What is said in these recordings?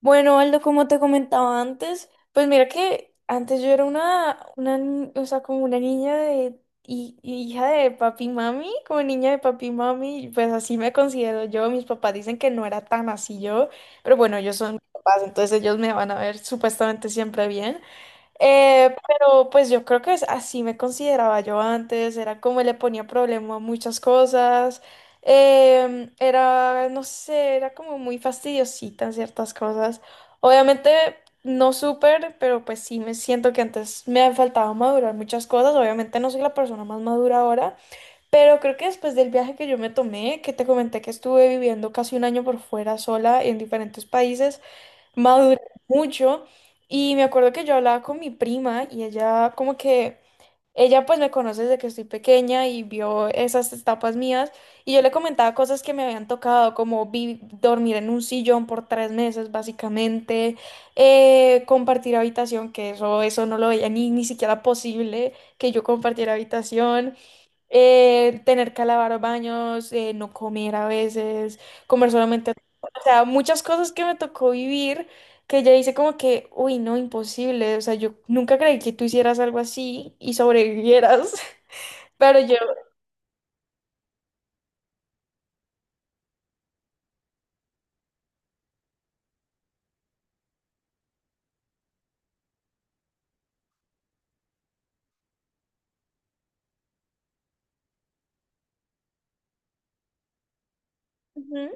Bueno, Aldo, como te comentaba antes, pues mira que antes yo era una, ni- o sea, como una niña de, hija de papi y mami, como niña de papi y mami, pues así me considero yo. Mis papás dicen que no era tan así yo, pero bueno, ellos son papás, entonces ellos me van a ver supuestamente siempre bien. Pero pues yo creo que así me consideraba yo antes, era como le ponía problema a muchas cosas, era, no sé, era como muy fastidiosita en ciertas cosas. Obviamente no súper, pero pues sí me siento que antes me han faltado madurar muchas cosas, obviamente no soy la persona más madura ahora, pero creo que después del viaje que yo me tomé, que te comenté que estuve viviendo casi un año por fuera sola en diferentes países, madurar mucho y me acuerdo que yo hablaba con mi prima y ella como que, ella pues me conoce desde que estoy pequeña y vio esas etapas mías y yo le comentaba cosas que me habían tocado como dormir en un sillón por 3 meses básicamente, compartir habitación, que eso no lo veía ni siquiera posible que yo compartiera habitación, tener que lavar baños, no comer a veces, comer solamente. O sea, muchas cosas que me tocó vivir que ya hice como que, uy, no, imposible. O sea, yo nunca creí que tú hicieras algo así y sobrevivieras, pero yo, ujú.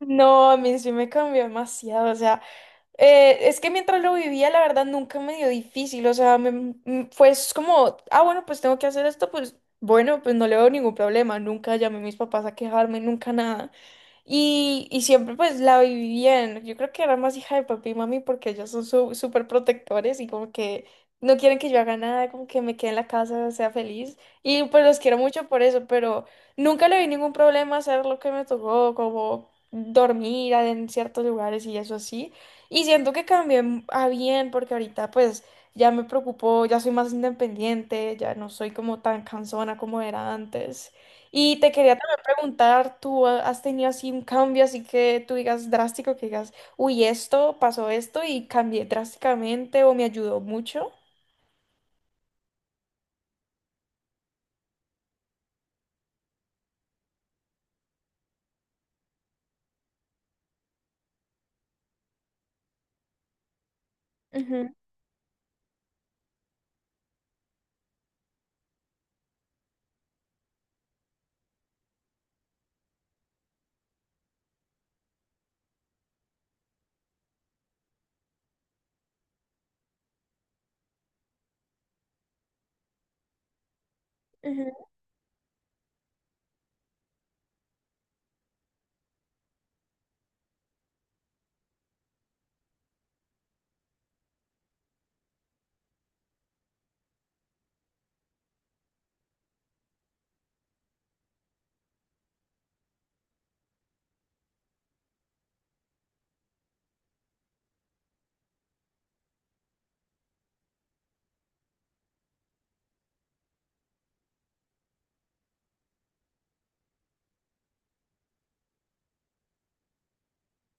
No, a mí sí me cambió demasiado. O sea, es que mientras lo vivía, la verdad, nunca me dio difícil. O sea, fue es como, ah, bueno, pues tengo que hacer esto, pues bueno, pues no le veo ningún problema, nunca llamé a mis papás a quejarme, nunca nada. Y siempre pues la viví bien, yo creo que era más hija de papi y mami porque ellos son súper protectores y como que no quieren que yo haga nada, como que me quede en la casa, sea feliz. Y pues los quiero mucho por eso, pero nunca le vi ningún problema hacer lo que me tocó, como dormir en ciertos lugares y eso así. Y siento que cambié a bien porque ahorita pues ya me preocupo, ya soy más independiente, ya no soy como tan cansona como era antes. Y te quería también preguntar, ¿tú has tenido así un cambio así que tú digas drástico, que digas, uy, esto, pasó esto y cambié drásticamente o me ayudó mucho? Ujú, ujú,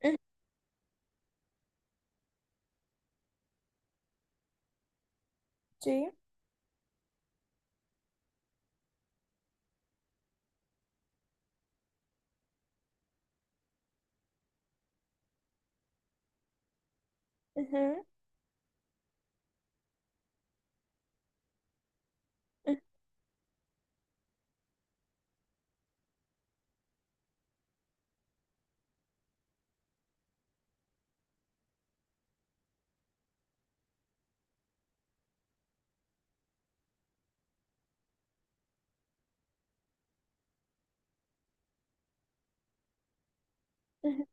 ujú, sí. Ujú, ujú, ujú.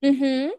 Ujú.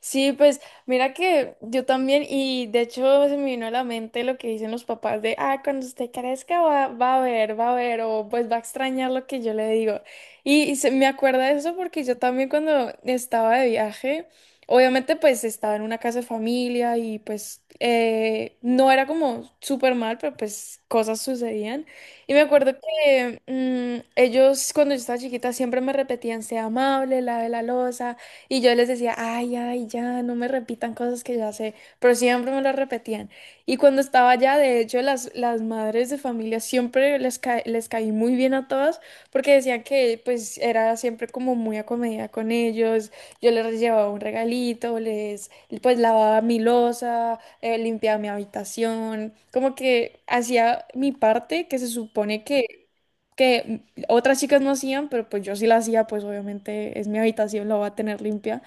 Sí, pues mira que yo también, y de hecho se me vino a la mente lo que dicen los papás de, ah, cuando usted crezca va a ver, va a ver, o pues va a extrañar lo que yo le digo. Y me acuerda de eso porque yo también cuando estaba de viaje, obviamente pues estaba en una casa de familia y pues no era como súper mal, pero pues cosas sucedían. Y me acuerdo que ellos cuando yo estaba chiquita siempre me repetían, sea amable, lave la loza. Y yo les decía, ay, ay, ya, no me repitan cosas que ya sé, pero siempre me las repetían. Y cuando estaba allá, de hecho, las madres de familia siempre les caí muy bien a todas porque decían que pues era siempre como muy acomedida con ellos. Yo les llevaba un regalito, les pues lavaba mi loza, limpiaba mi habitación, como que hacía mi parte que se supone que otras chicas no hacían, pero pues yo sí la hacía, pues obviamente es mi habitación, la voy a tener limpia.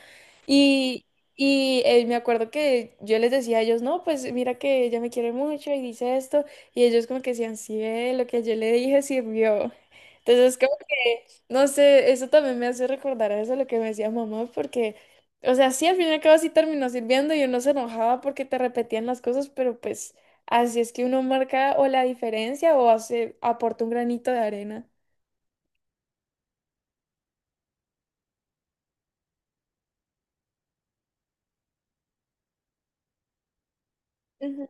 Y, y me acuerdo que yo les decía a ellos, no, pues mira que ella me quiere mucho y dice esto, y ellos como que decían, sí, ve, lo que yo le dije sirvió. Entonces como que, no sé, eso también me hace recordar a eso, lo que me decía mamá, porque, o sea, sí, al fin y al cabo sí terminó sirviendo y uno se enojaba porque te repetían las cosas, pero pues así es que uno marca o la diferencia o hace, aporta un granito de arena. Ujú.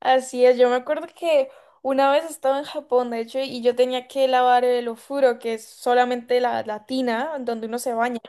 Así es, yo me acuerdo que una vez estaba en Japón, de hecho, y yo tenía que lavar el ofuro, que es solamente la tina donde uno se baña.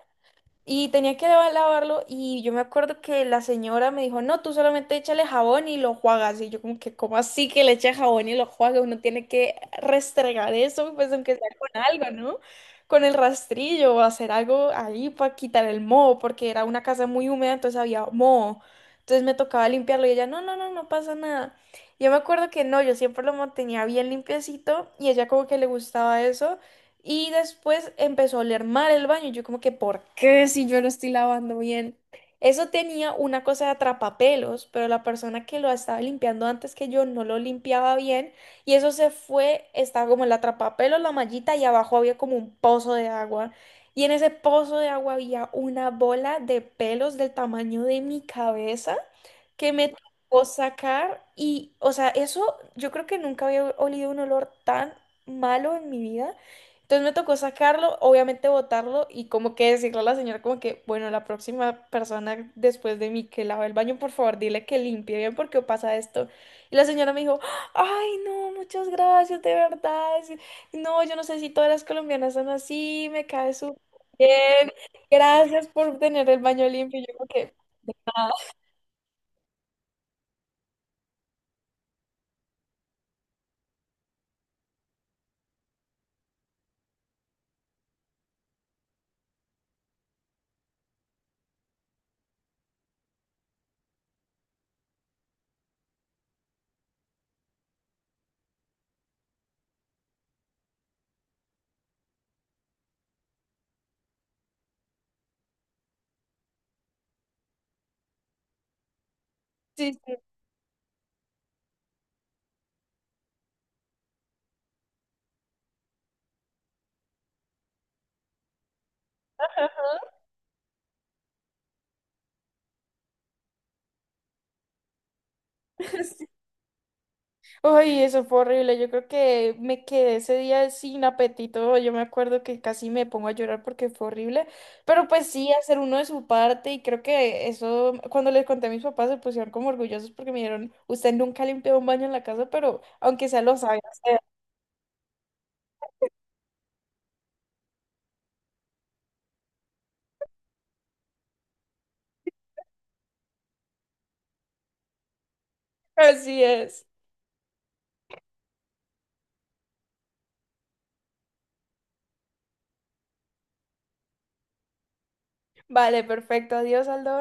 Y tenía que lavarlo y yo me acuerdo que la señora me dijo, no, tú solamente échale jabón y lo enjuagas. Y yo como que, ¿cómo así que le eche jabón y lo enjuaga? Uno tiene que restregar eso, pues aunque sea con algo, ¿no? Con el rastrillo o hacer algo ahí para quitar el moho, porque era una casa muy húmeda, entonces había moho. Entonces me tocaba limpiarlo y ella, no, no, no, no pasa nada. Yo me acuerdo que no, yo siempre lo mantenía bien limpiecito y ella como que le gustaba eso. Y después empezó a oler mal el baño. Y yo como que, ¿por qué si yo lo estoy lavando bien? Eso tenía una cosa de atrapapelos, pero la persona que lo estaba limpiando antes que yo no lo limpiaba bien y eso se fue, estaba como el atrapapelos, la mallita y abajo había como un pozo de agua. Y en ese pozo de agua había una bola de pelos del tamaño de mi cabeza que me tocó sacar y, o sea, eso yo creo que nunca había olido un olor tan malo en mi vida. Entonces me tocó sacarlo, obviamente botarlo y como que decirle a la señora como que, bueno, la próxima persona después de mí que lava el baño, por favor, dile que limpie bien porque pasa esto. Y la señora me dijo, ay, no, muchas gracias, de verdad. No, yo no sé si todas las colombianas son así, me cae súper bien. Gracias por tener el baño limpio. Y yo como que, sí, sí. Ay, eso fue horrible. Yo creo que me quedé ese día sin apetito. Yo me acuerdo que casi me pongo a llorar porque fue horrible. Pero pues sí, hacer uno de su parte. Y creo que eso, cuando les conté a mis papás, se pusieron como orgullosos porque me dijeron, usted nunca ha limpiado un baño en la casa, pero aunque sea lo sabe hacer. Así es. Vale, perfecto. Adiós, Aldo.